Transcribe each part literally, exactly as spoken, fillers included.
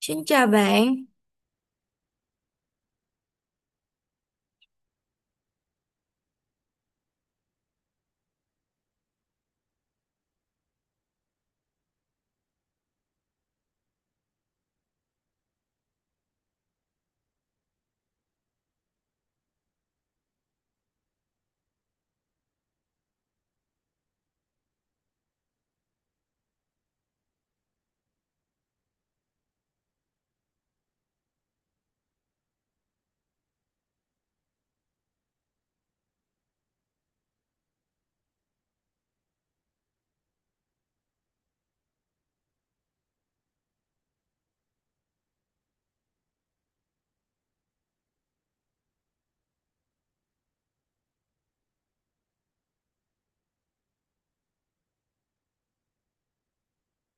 Xin chào bạn,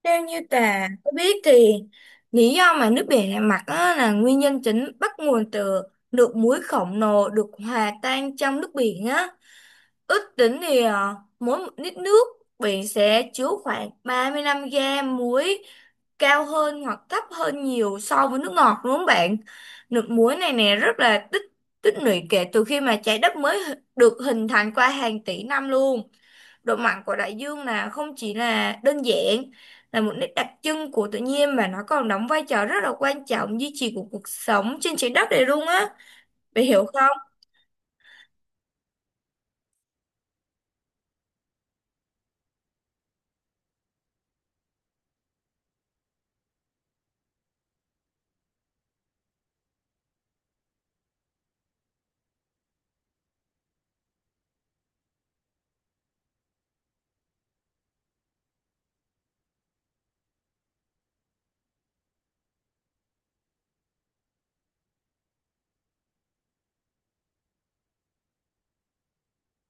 theo như Tà có biết thì lý do mà nước biển lại mặn á là nguyên nhân chính bắt nguồn từ lượng muối khổng lồ được hòa tan trong nước biển á. Ước tính thì ờ, mỗi một lít nước biển sẽ chứa khoảng ba mươi lăm gram muối, cao hơn hoặc thấp hơn nhiều so với nước ngọt, đúng không bạn? Nước muối này nè rất là tích tích lũy kể từ khi mà trái đất mới được hình thành qua hàng tỷ năm luôn. Độ mặn của đại dương là không chỉ là đơn giản là một nét đặc trưng của tự nhiên, mà nó còn đóng vai trò rất là quan trọng duy trì của cuộc sống trên trái đất này luôn á. Bạn hiểu không?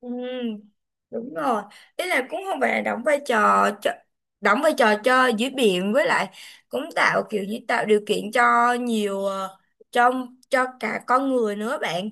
Ừ, đúng rồi, ý là cũng không phải là đóng vai trò cho, đóng vai trò cho dưới biển, với lại cũng tạo kiểu như tạo điều kiện cho nhiều ờ, cho cho cả con người nữa bạn.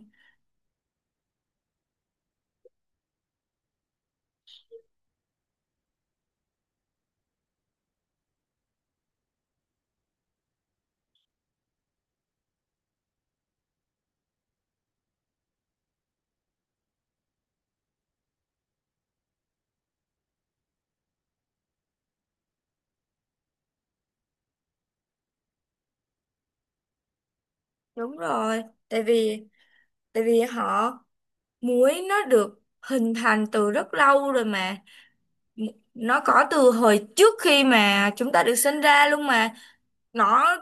Đúng rồi, tại vì tại vì họ muối nó được hình thành từ rất lâu rồi mà, nó có từ hồi trước khi mà chúng ta được sinh ra luôn mà. nó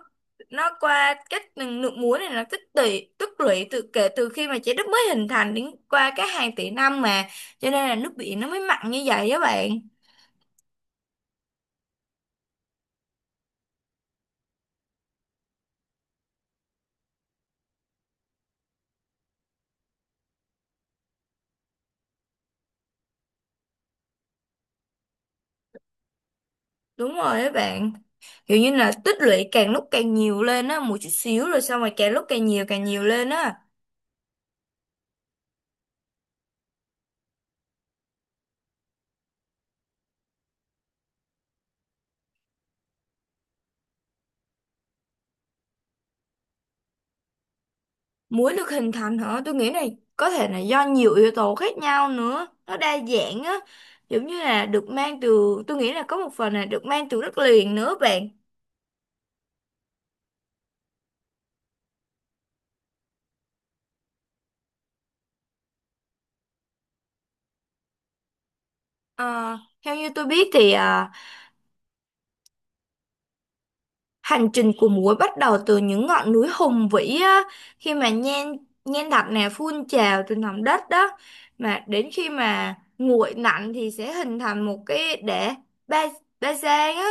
nó qua cách nước muối này nó tích tụ, tích lũy từ kể từ khi mà trái đất mới hình thành đến qua các hàng tỷ năm mà, cho nên là nước biển nó mới mặn như vậy đó bạn. Đúng rồi đó bạn, kiểu như là tích lũy càng lúc càng nhiều lên á, một chút xíu rồi xong rồi càng lúc càng nhiều, càng nhiều lên á. Muối được hình thành hả? Tôi nghĩ này có thể là do nhiều yếu tố khác nhau nữa. Nó đa dạng á. Giống như là được mang từ, tôi nghĩ là có một phần là được mang từ đất liền nữa bạn. Ờ, Theo như tôi biết thì ờ, hành trình của muối bắt đầu từ những ngọn núi hùng vĩ á, khi mà nhen nhen đặc nè phun trào từ lòng đất đó, mà đến khi mà nguội lạnh thì sẽ hình thành một cái đẻ ba ba giang á.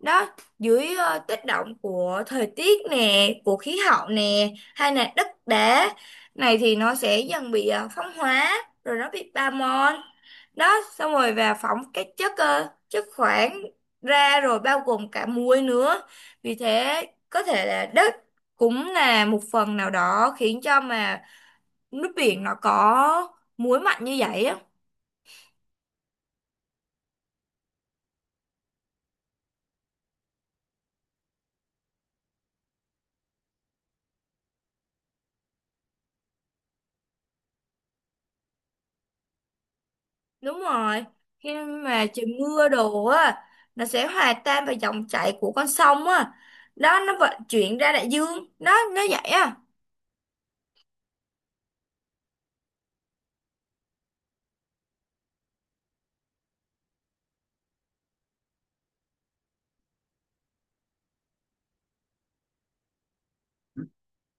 Đó, dưới ờ, tác động của thời tiết nè, của khí hậu nè, hay là đất đá này thì nó sẽ dần bị ờ, phong hóa, rồi nó bị ba mòn đó, xong rồi và phóng các chất ờ, chất khoáng ra rồi, bao gồm cả muối nữa. Vì thế có thể là đất cũng là một phần nào đó khiến cho mà nước biển nó có muối mạnh như vậy á. Đúng rồi. Khi mà trời mưa đồ á, nó sẽ hòa tan vào dòng chảy của con sông á. Đó, nó vận chuyển ra đại dương. Đó, nó vậy á.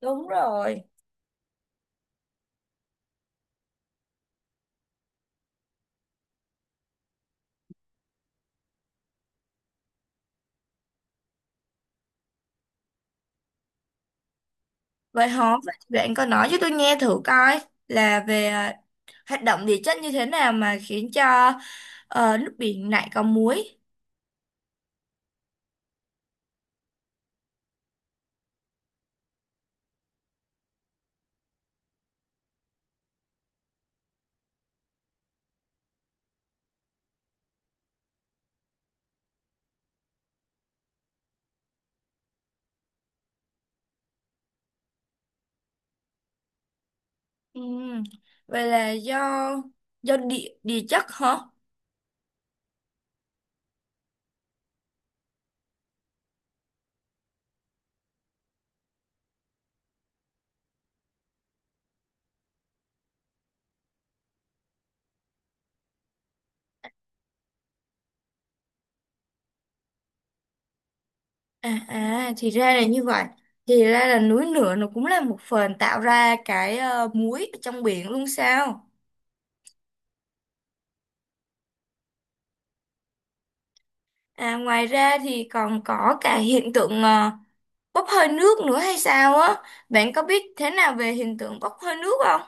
Đúng rồi. Vậy hả? Vậy bạn có nói cho tôi nghe thử coi là về à, hoạt động địa chất như thế nào mà khiến cho ờ, nước biển lại có muối. Ừ. Vậy là do do địa địa chất hả? À, à thì ra là như vậy. Thì ra là núi lửa nó cũng là một phần tạo ra cái ờ, muối ở trong biển luôn sao? À, ngoài ra thì còn có cả hiện tượng ờ, bốc hơi nước nữa hay sao á? Bạn có biết thế nào về hiện tượng bốc hơi nước không?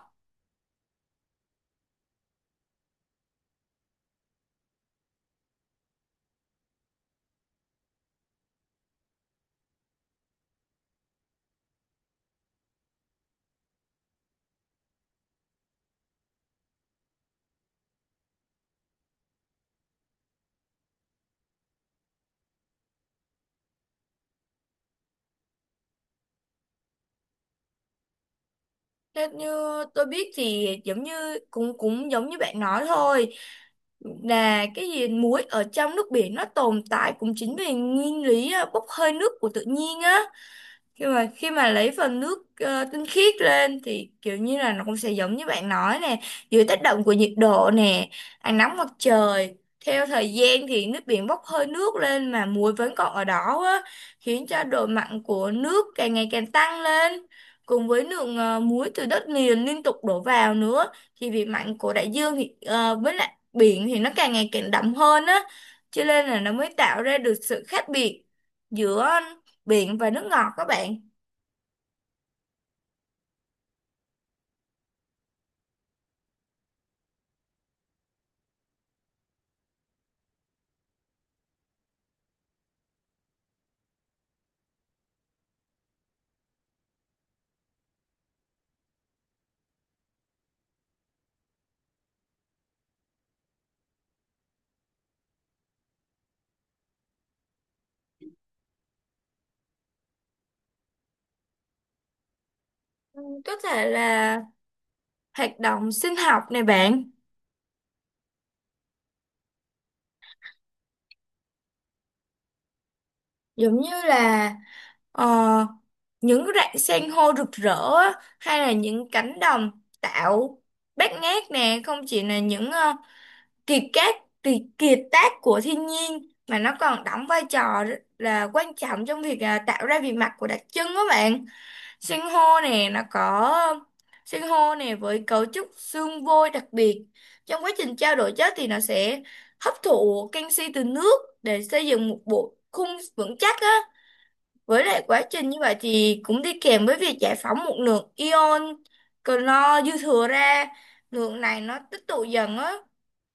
Theo như tôi biết thì giống như cũng cũng giống như bạn nói thôi, là cái gì muối ở trong nước biển nó tồn tại cũng chính vì nguyên lý à, bốc hơi nước của tự nhiên á. Khi mà khi mà lấy phần nước ờ, tinh khiết lên thì kiểu như là nó cũng sẽ giống như bạn nói nè, dưới tác động của nhiệt độ nè, ánh nắng mặt trời, theo thời gian thì nước biển bốc hơi nước lên mà muối vẫn còn ở đó á, khiến cho độ mặn của nước càng ngày càng tăng lên, cùng với lượng ờ, muối từ đất liền liên tục đổ vào nữa, thì vị mặn của đại dương thì ờ, với lại biển thì nó càng ngày càng đậm hơn á, cho nên là nó mới tạo ra được sự khác biệt giữa biển và nước ngọt các bạn. Ừ, có thể là hoạt động sinh học này bạn, giống như là ờ, những rạn san hô rực rỡ á, hay là những cánh đồng tạo bát ngát nè, không chỉ là những ờ, kiệt tác kiệt, kiệt tác của thiên nhiên, mà nó còn đóng vai trò rất là quan trọng trong việc à, tạo ra vị mặt của đặc trưng đó bạn. Sinh hô nè nó có sinh hô nè với cấu trúc xương vôi đặc biệt. Trong quá trình trao đổi chất thì nó sẽ hấp thụ canxi từ nước để xây dựng một bộ khung vững chắc á. Với lại quá trình như vậy thì cũng đi kèm với việc giải phóng một lượng ion clo dư thừa ra. Lượng này nó tích tụ dần á,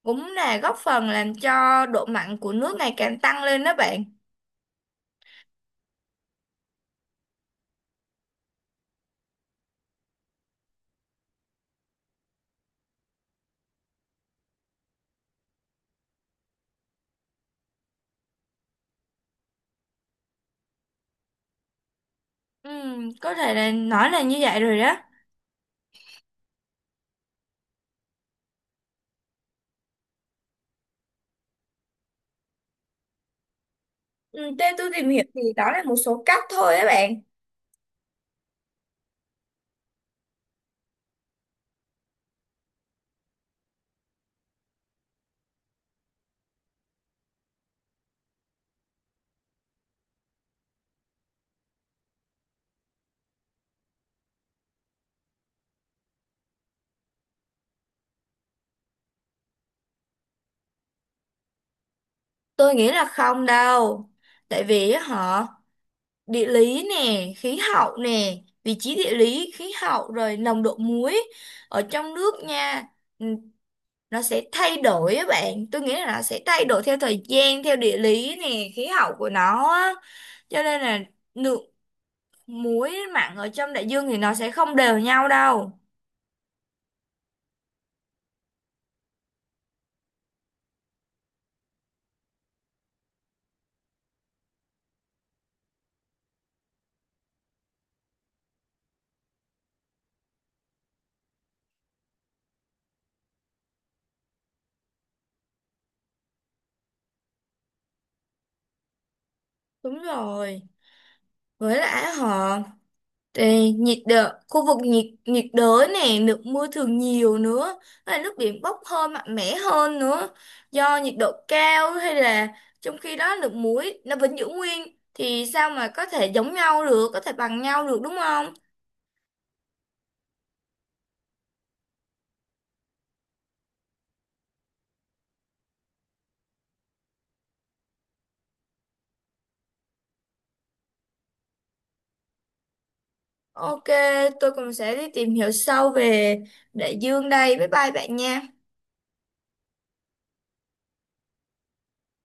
cũng là góp phần làm cho độ mặn của nước ngày càng tăng lên đó bạn. Ừ, có thể là nói là như vậy rồi đó. Ừ, theo tôi tìm hiểu thì đó là một số cách thôi á bạn. Tôi nghĩ là không đâu. Tại vì á họ địa lý nè, khí hậu nè, vị trí địa lý, khí hậu rồi nồng độ muối ở trong nước nha. Ừ, nó sẽ thay đổi á bạn. Tôi nghĩ là nó sẽ thay đổi theo thời gian, theo địa lý nè, khí hậu của nó á. Cho nên là lượng muối mặn ở trong đại dương thì nó sẽ không đều nhau đâu. Đúng rồi. Với lại họ đây, nhiệt đới, khu vực nhiệt nhiệt đới nè, lượng mưa thường nhiều nữa, hay là nước biển bốc hơi mạnh mẽ hơn nữa, do nhiệt độ cao, hay là trong khi đó lượng muối nó vẫn giữ nguyên, thì sao mà có thể giống nhau được, có thể bằng nhau được, đúng không? Ok, tôi cũng sẽ đi tìm hiểu sâu về đại dương đây. Bye bye bạn nha.